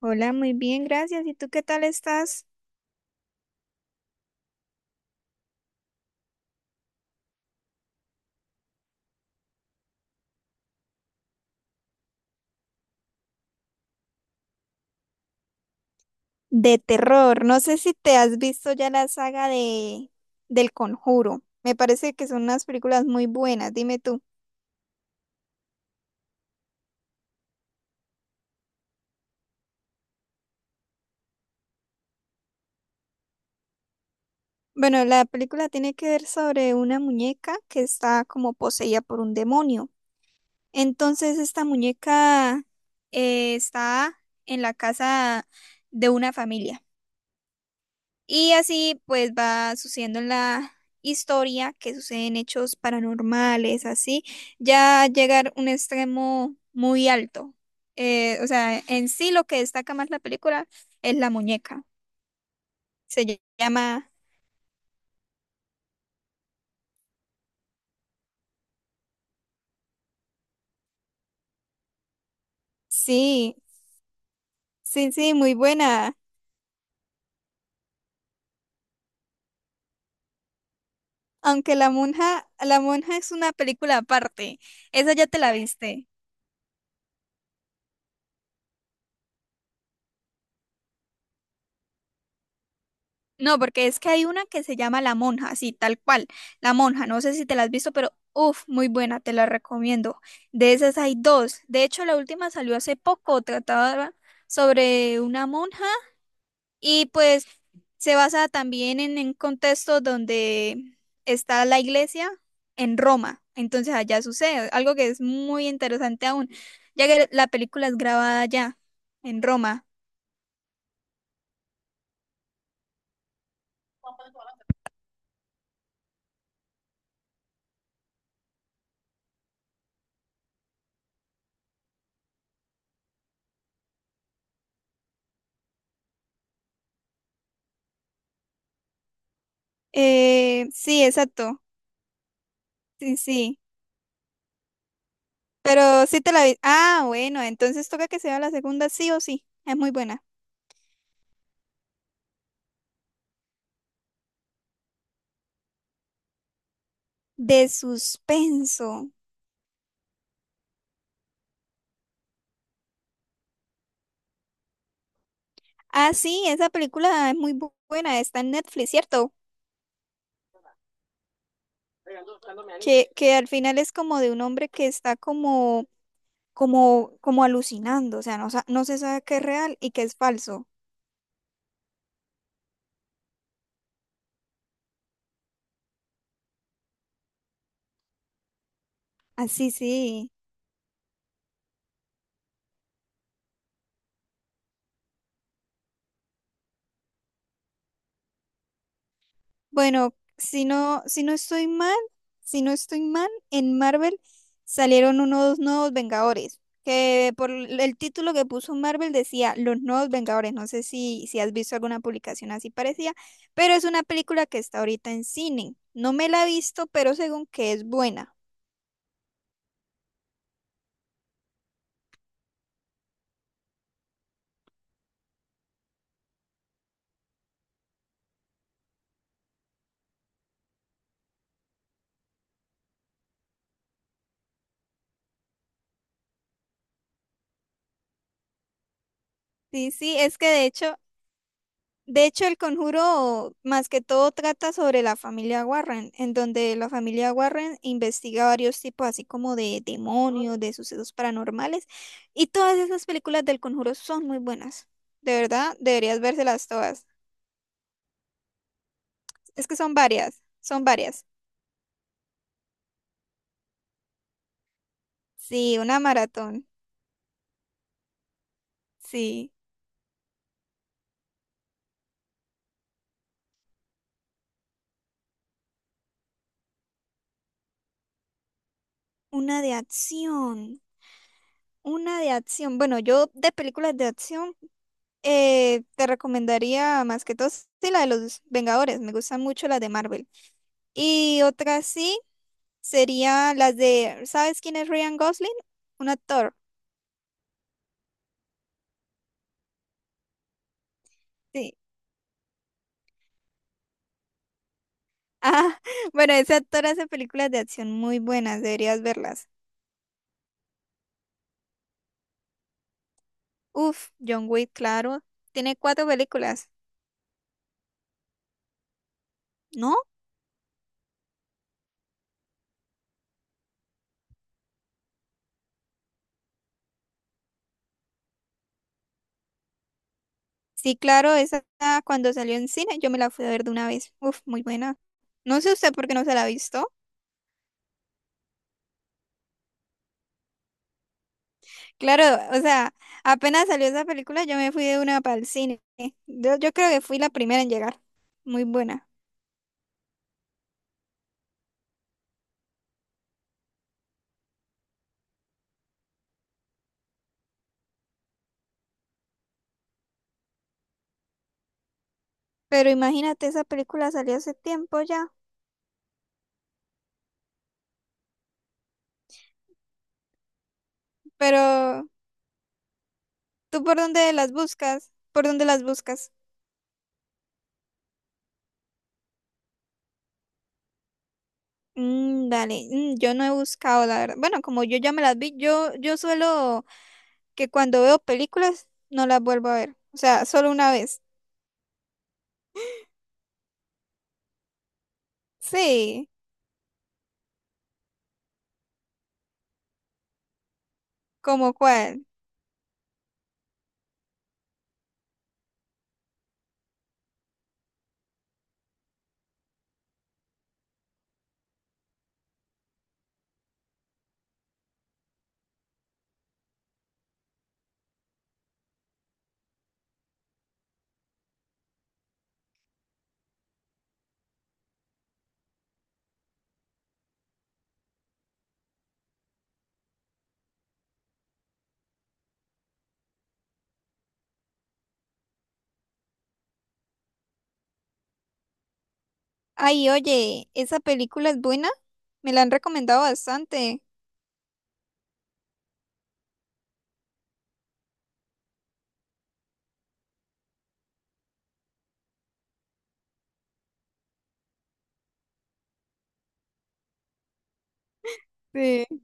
Hola, muy bien, gracias. ¿Y tú qué tal estás? De terror. No sé si te has visto ya la saga de del Conjuro. Me parece que son unas películas muy buenas. Dime tú. Bueno, la película tiene que ver sobre una muñeca que está como poseída por un demonio. Entonces, esta muñeca está en la casa de una familia. Y así pues va sucediendo en la historia que suceden hechos paranormales, así, ya llegar a un extremo muy alto. O sea, en sí lo que destaca más la película es la muñeca. Se llama, sí, sí, sí, muy buena. Aunque la monja es una película aparte. Esa ya te la viste. No, porque es que hay una que se llama La Monja, sí, tal cual. La Monja, no sé si te la has visto, pero uff, muy buena, te la recomiendo. De esas hay dos. De hecho, la última salió hace poco, trataba sobre una monja y pues se basa también en un contexto donde está la iglesia en Roma. Entonces allá sucede algo que es muy interesante aún, ya que la película es grabada allá, en Roma. Sí, exacto. Sí, sí. Pero sí te la vi. Ah, bueno, entonces toca que sea la segunda sí o sí. Es muy buena. De suspenso. Ah, sí, esa película es muy buena. Está en Netflix, ¿cierto? Que al final es como de un hombre que está como alucinando. O sea, no, no se sabe qué es real y qué es falso. Así, sí. Sí. Bueno, si no estoy mal, en Marvel salieron unos nuevos Vengadores, que por el título que puso Marvel decía Los Nuevos Vengadores. No sé si has visto alguna publicación así parecida, pero es una película que está ahorita en cine. No me la he visto, pero según que es buena. Sí, sí, es que de hecho de hecho, el conjuro más que todo trata sobre la familia Warren, en donde la familia Warren investiga varios tipos, así como de demonios, de sucesos paranormales, y todas esas películas del conjuro son muy buenas. De verdad, deberías vérselas todas. Es que son varias, son varias. Sí, una maratón, sí, una de acción, una de acción. Bueno, yo de películas de acción te recomendaría más que todo, sí, la de los Vengadores, me gustan mucho las de Marvel. Y otra sí sería las de, ¿sabes quién es Ryan Gosling? Un actor, sí. Ah, bueno, ese actor hace películas de acción muy buenas, deberías verlas. Uf, John Wick, claro. Tiene cuatro películas, ¿no? Sí, claro, esa cuando salió en cine yo me la fui a ver de una vez. Uf, muy buena. No sé usted por qué no se la ha visto. Claro, o sea, apenas salió esa película yo me fui de una para el cine. Yo creo que fui la primera en llegar. Muy buena. Pero imagínate, esa película salió hace tiempo ya. Pero, ¿tú por dónde las buscas? ¿Por dónde las buscas? Mm, dale, mm, yo no he buscado, la verdad. Bueno, como yo ya me las vi, yo suelo que cuando veo películas no las vuelvo a ver. O sea, solo una vez. Sí, ¿como cuál? Ay, oye, esa película es buena. Me la han recomendado bastante. Sí,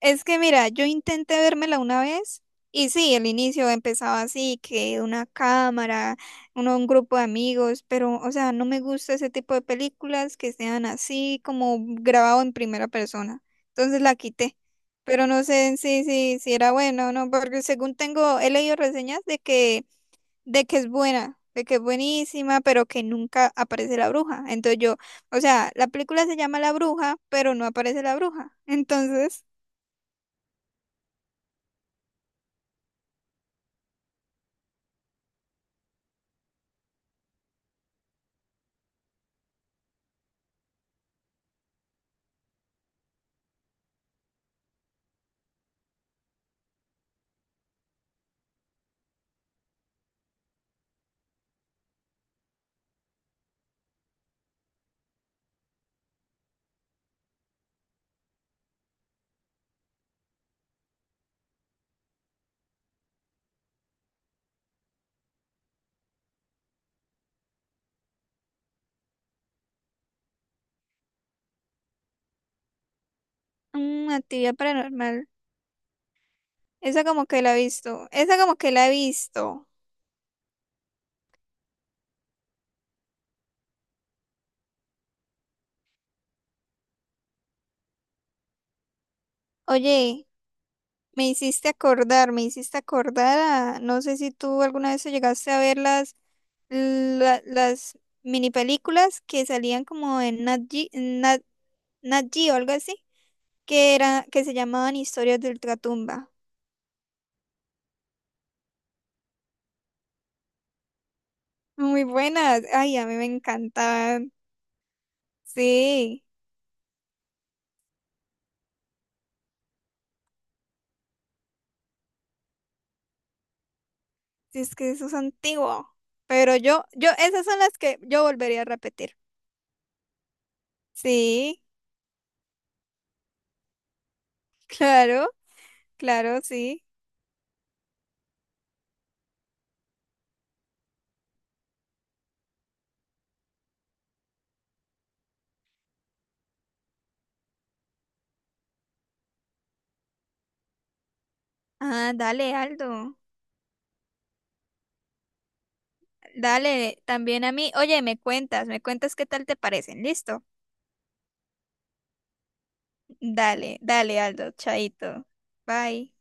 es que mira, yo intenté vérmela una vez y sí, el inicio empezaba así, que una cámara, uno, un grupo de amigos, pero o sea, no me gusta ese tipo de películas que sean así como grabado en primera persona. Entonces la quité, pero no sé en sí si era bueno o no, porque según tengo, he leído reseñas de que es buena, de que es buenísima, pero que nunca aparece la bruja. Entonces yo, o sea, la película se llama La Bruja, pero no aparece la bruja. Entonces... Mm, actividad paranormal. Esa como que la he visto. Esa como que la he visto. Oye, me hiciste acordar a... No sé si tú alguna vez llegaste a ver las mini películas que salían como en Nat Geo, algo así, que era, que se llamaban Historias de Ultratumba. Muy buenas. Ay, a mí me encantaban. Sí, sí, es que eso es antiguo. Pero yo, esas son las que yo volvería a repetir. Sí. Claro, claro, sí. Ah, dale, Aldo. Dale, también a mí. Oye, me cuentas qué tal te parecen. ¿Listo? Dale, dale, Aldo. Chaito. Bye.